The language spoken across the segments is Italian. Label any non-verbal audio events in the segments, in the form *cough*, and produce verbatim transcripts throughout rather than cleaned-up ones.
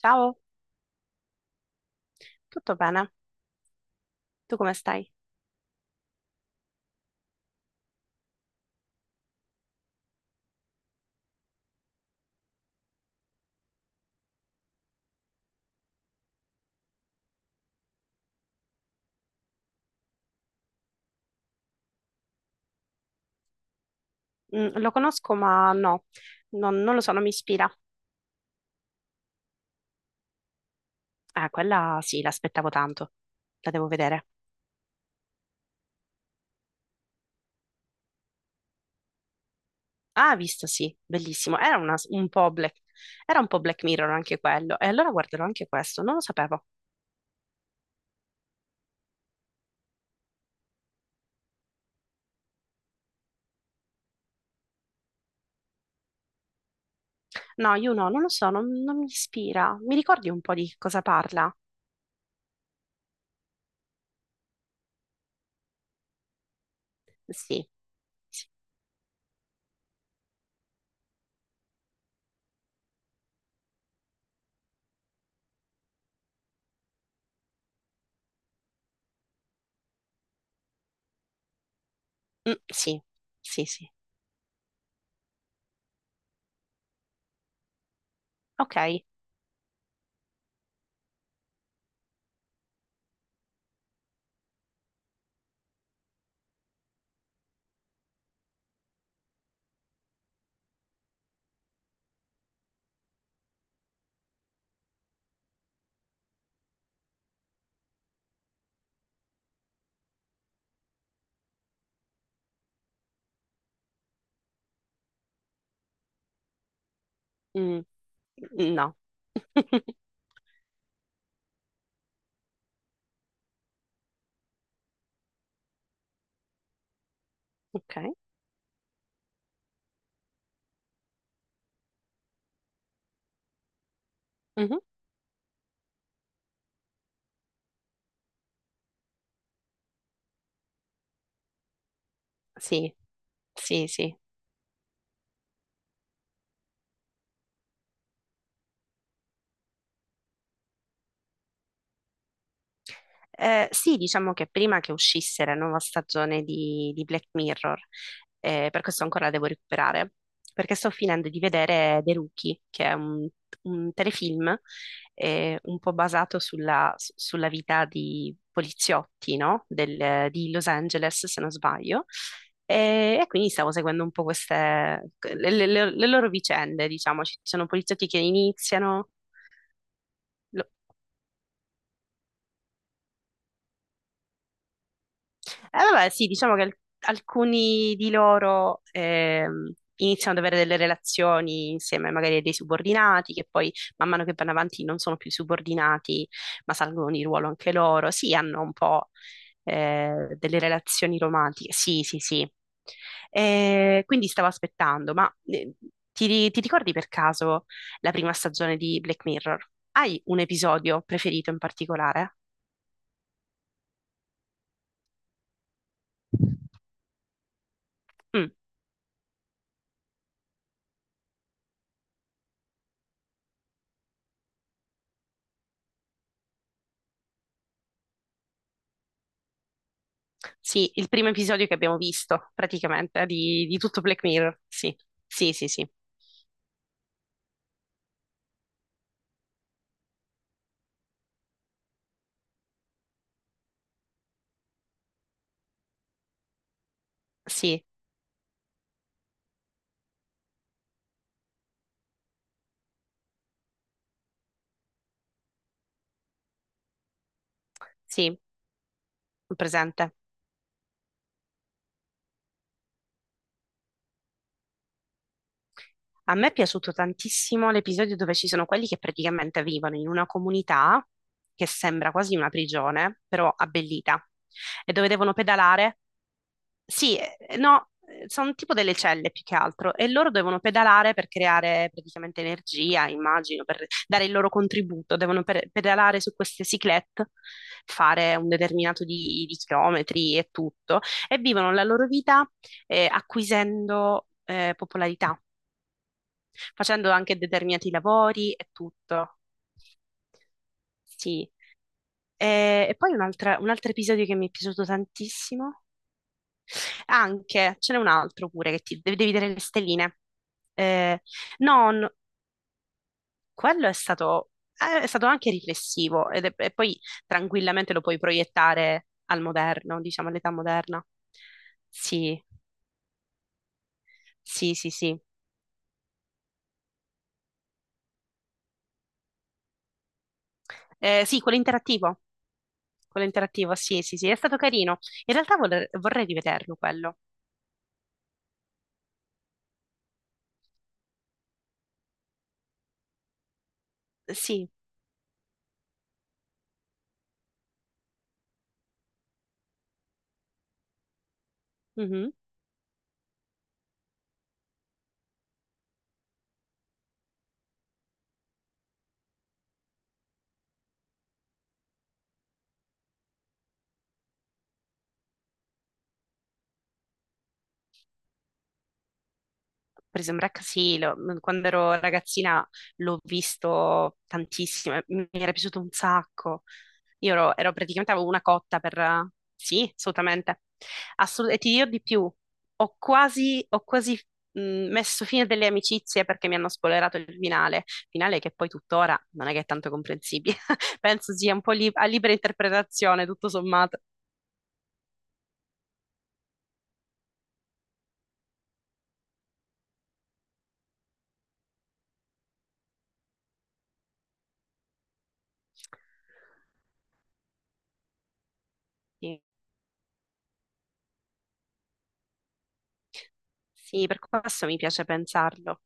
Ciao, tutto bene? Tu come stai? Mm, lo conosco, ma no, non, non lo so, non mi ispira. Ah, quella sì, l'aspettavo tanto. La devo vedere. Ah, visto, sì, bellissimo. Era una- un po' Black, era un po' Black Mirror anche quello. E allora guarderò anche questo, non lo sapevo. No, io no, non lo so, non, non mi ispira. Mi ricordi un po' di cosa parla? Sì, sì, Mm, sì, sì, sì. Ok. Mm, no. *laughs* Ok. Mhm. Sì, sì, sì. Eh, sì, diciamo che prima che uscisse la nuova stagione di, di Black Mirror, eh, per questo ancora la devo recuperare, perché sto finendo di vedere The Rookie, che è un, un telefilm eh, un po' basato sulla, su- sulla vita di poliziotti, no? Del- di Los Angeles, se non sbaglio. E, e quindi stavo seguendo un po' queste, le, le- le- le loro vicende, diciamo. Ci sono poliziotti che iniziano. Eh, vabbè, sì, diciamo che al- alcuni di loro ehm, iniziano ad avere delle relazioni insieme magari a dei subordinati, che poi man mano che vanno avanti non sono più subordinati, ma salgono di ruolo anche loro. Sì, hanno un po' eh, delle relazioni romantiche. Sì, sì, sì. Eh, quindi stavo aspettando, ma eh, ti, ri- ti ricordi per caso la prima stagione di Black Mirror? Hai un episodio preferito in particolare? Mm. Sì, il primo episodio che abbiamo visto, praticamente, di, di tutto Black Mirror. Sì, sì, sì, sì, sì, sì, presente. A me è piaciuto tantissimo l'episodio dove ci sono quelli che praticamente vivono in una comunità che sembra quasi una prigione, però abbellita, e dove devono pedalare. Sì, eh, eh, no, eh, sono tipo delle celle più che altro e loro devono pedalare per creare praticamente energia, immagino, per dare il loro contributo. Devono per- pedalare su queste cyclette, fare un determinato di, di chilometri e tutto, e vivono la loro vita eh, acquisendo eh, popolarità, facendo anche determinati lavori e tutto. Sì. E, e poi un altra- un altro episodio che mi è piaciuto tantissimo. Anche, ce n'è un altro pure che ti devi devi vedere le stelline. Eh, no, no, quello è stato, eh, è stato anche riflessivo ed è- e poi tranquillamente lo puoi proiettare al moderno, diciamo all'età moderna. Sì, sì, sì, sì. Eh, sì, quello interattivo, quello interattivo, sì, sì, sì, è stato carino. In realtà vorrei, vorrei rivederlo quello. Sì. Mhm. Prison Break sì, lo- mm, quando ero ragazzina l'ho visto tantissimo, mi era piaciuto un sacco. Io ero, ero praticamente avevo una cotta per... Sì, assolutamente. Assolut- e ti dirò di più, ho quasi, ho quasi mh, messo fine delle amicizie perché mi hanno spoilerato il finale, finale che poi tuttora non è che è tanto comprensibile. *laughs* Penso sia un po' lib- a libera interpretazione, tutto sommato. Sì. Sì, per questo mi piace pensarlo.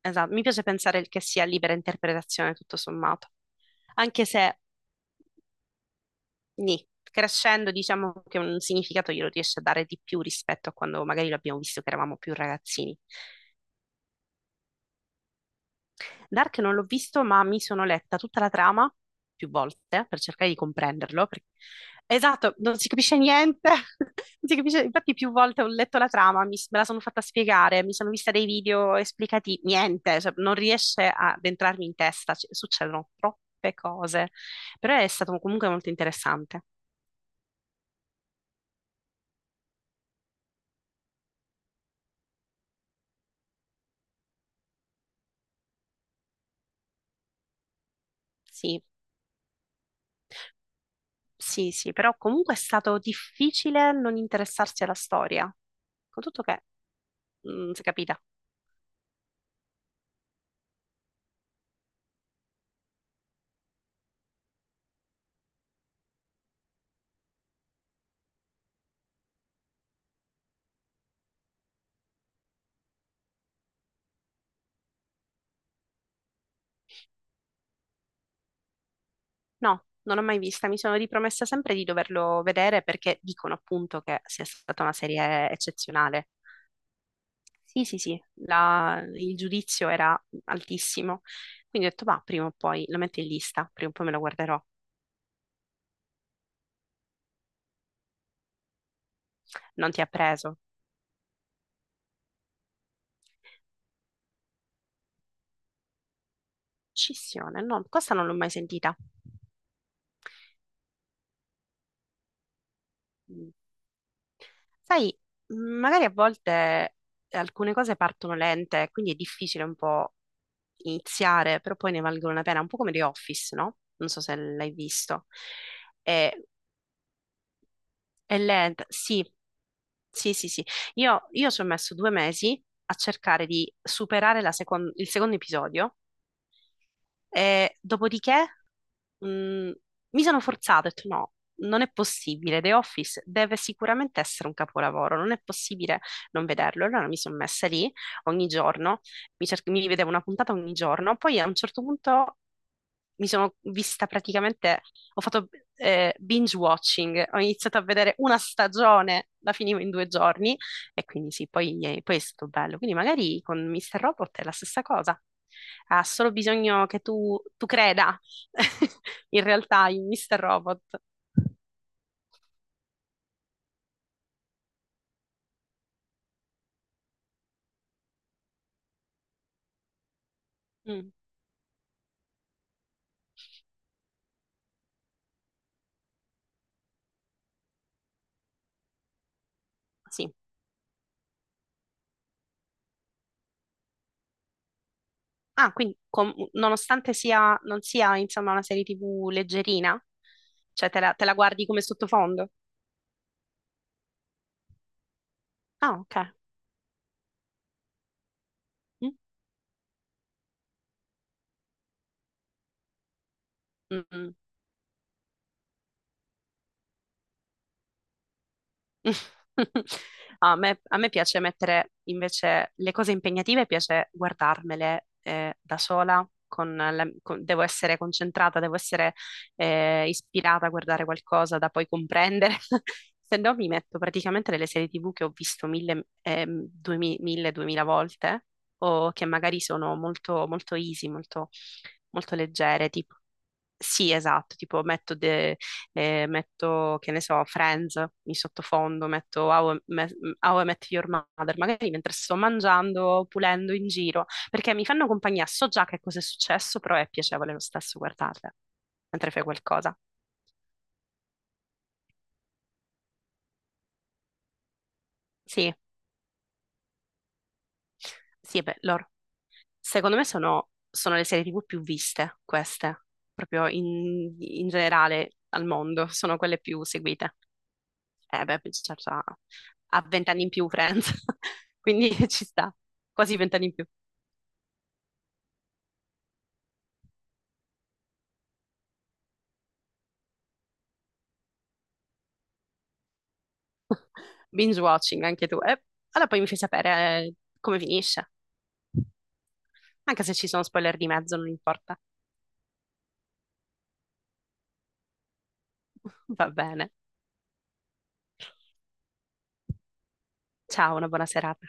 Esatto, mi piace pensare che sia libera interpretazione tutto sommato, anche se nì, crescendo diciamo che un significato glielo riesce a dare di più rispetto a quando magari lo abbiamo visto che eravamo più ragazzini. Dark non l'ho visto, ma mi sono letta tutta la trama più volte per cercare di comprenderlo. per- Esatto, non si capisce niente. *laughs* non si capisce- Infatti, più volte ho letto la trama, mi- me la sono fatta spiegare, mi sono vista dei video esplicativi, niente, cioè, non riesce ad entrarmi in testa, ci- succedono troppe cose. Però è stato comunque molto interessante. Sì, sì, sì, però comunque è stato difficile non interessarsi alla storia, con tutto che, mm, si è capita. No, non l'ho mai vista, mi sono ripromessa sempre di doverlo vedere perché dicono appunto che sia stata una serie eccezionale. Sì, sì, sì, la- il giudizio era altissimo, quindi ho detto, va, prima o poi lo metto in lista, prima o poi me lo guarderò. Non ti ha preso. Scissione, no, questa non l'ho mai sentita. Mm. Sai, mh, magari a volte eh, alcune cose partono lente, quindi è difficile un po' iniziare, però poi ne valgono la pena, un po' come The Office, no? Non so se l'hai visto. È, è lenta, sì, sì, sì, sì. Io, io ci ho messo due mesi a cercare di superare la secon- il secondo episodio e dopodiché mh, mi sono forzata, ho detto no, non è possibile, The Office deve sicuramente essere un capolavoro, non è possibile non vederlo. Allora mi sono messa lì ogni giorno, mi, cer- mi vedevo una puntata ogni giorno, poi a un certo punto mi sono vista praticamente, ho fatto eh, binge watching, ho iniziato a vedere una stagione, la finivo in due giorni, e quindi sì, poi, eh, poi è stato bello. Quindi magari con mister Robot è la stessa cosa. Ha solo bisogno che tu, tu creda, *laughs* in realtà, in mister Robot. Mm, sì. Ah, quindi com- nonostante sia, non sia insomma una serie T V leggerina, cioè te la, te la guardi come sottofondo. Ah, ok. Mm, mm, mm. *laughs* A me, a me piace mettere invece le cose impegnative, piace guardarmele eh, da sola, con la- con- devo essere concentrata, devo essere eh, ispirata a guardare qualcosa da poi comprendere, *laughs* se no mi metto praticamente delle serie T V che ho visto mille, ehm, duemi- mille, duemila volte o che magari sono molto, molto easy, molto, molto leggere, tipo... Sì, esatto, tipo metto de- eh, metto, che ne so, Friends in sottofondo, metto How I, Me- How I Met Your Mother, magari mentre sto mangiando, pulendo in giro, perché mi fanno compagnia, so già che cosa è successo, però è piacevole lo stesso guardarle mentre fai qualcosa. Sì, sì, beh, loro. Secondo me sono, sono le serie T V più viste, queste, proprio in, in generale al mondo, sono quelle più seguite. Eh beh, certo, ha vent'anni in più Friends, *laughs* quindi ci sta, quasi vent'anni in più. Binge watching anche tu. Eh, allora poi mi fai sapere eh, come finisce. Anche se ci sono spoiler di mezzo, non importa. *laughs* Va bene. Ciao, una buona serata.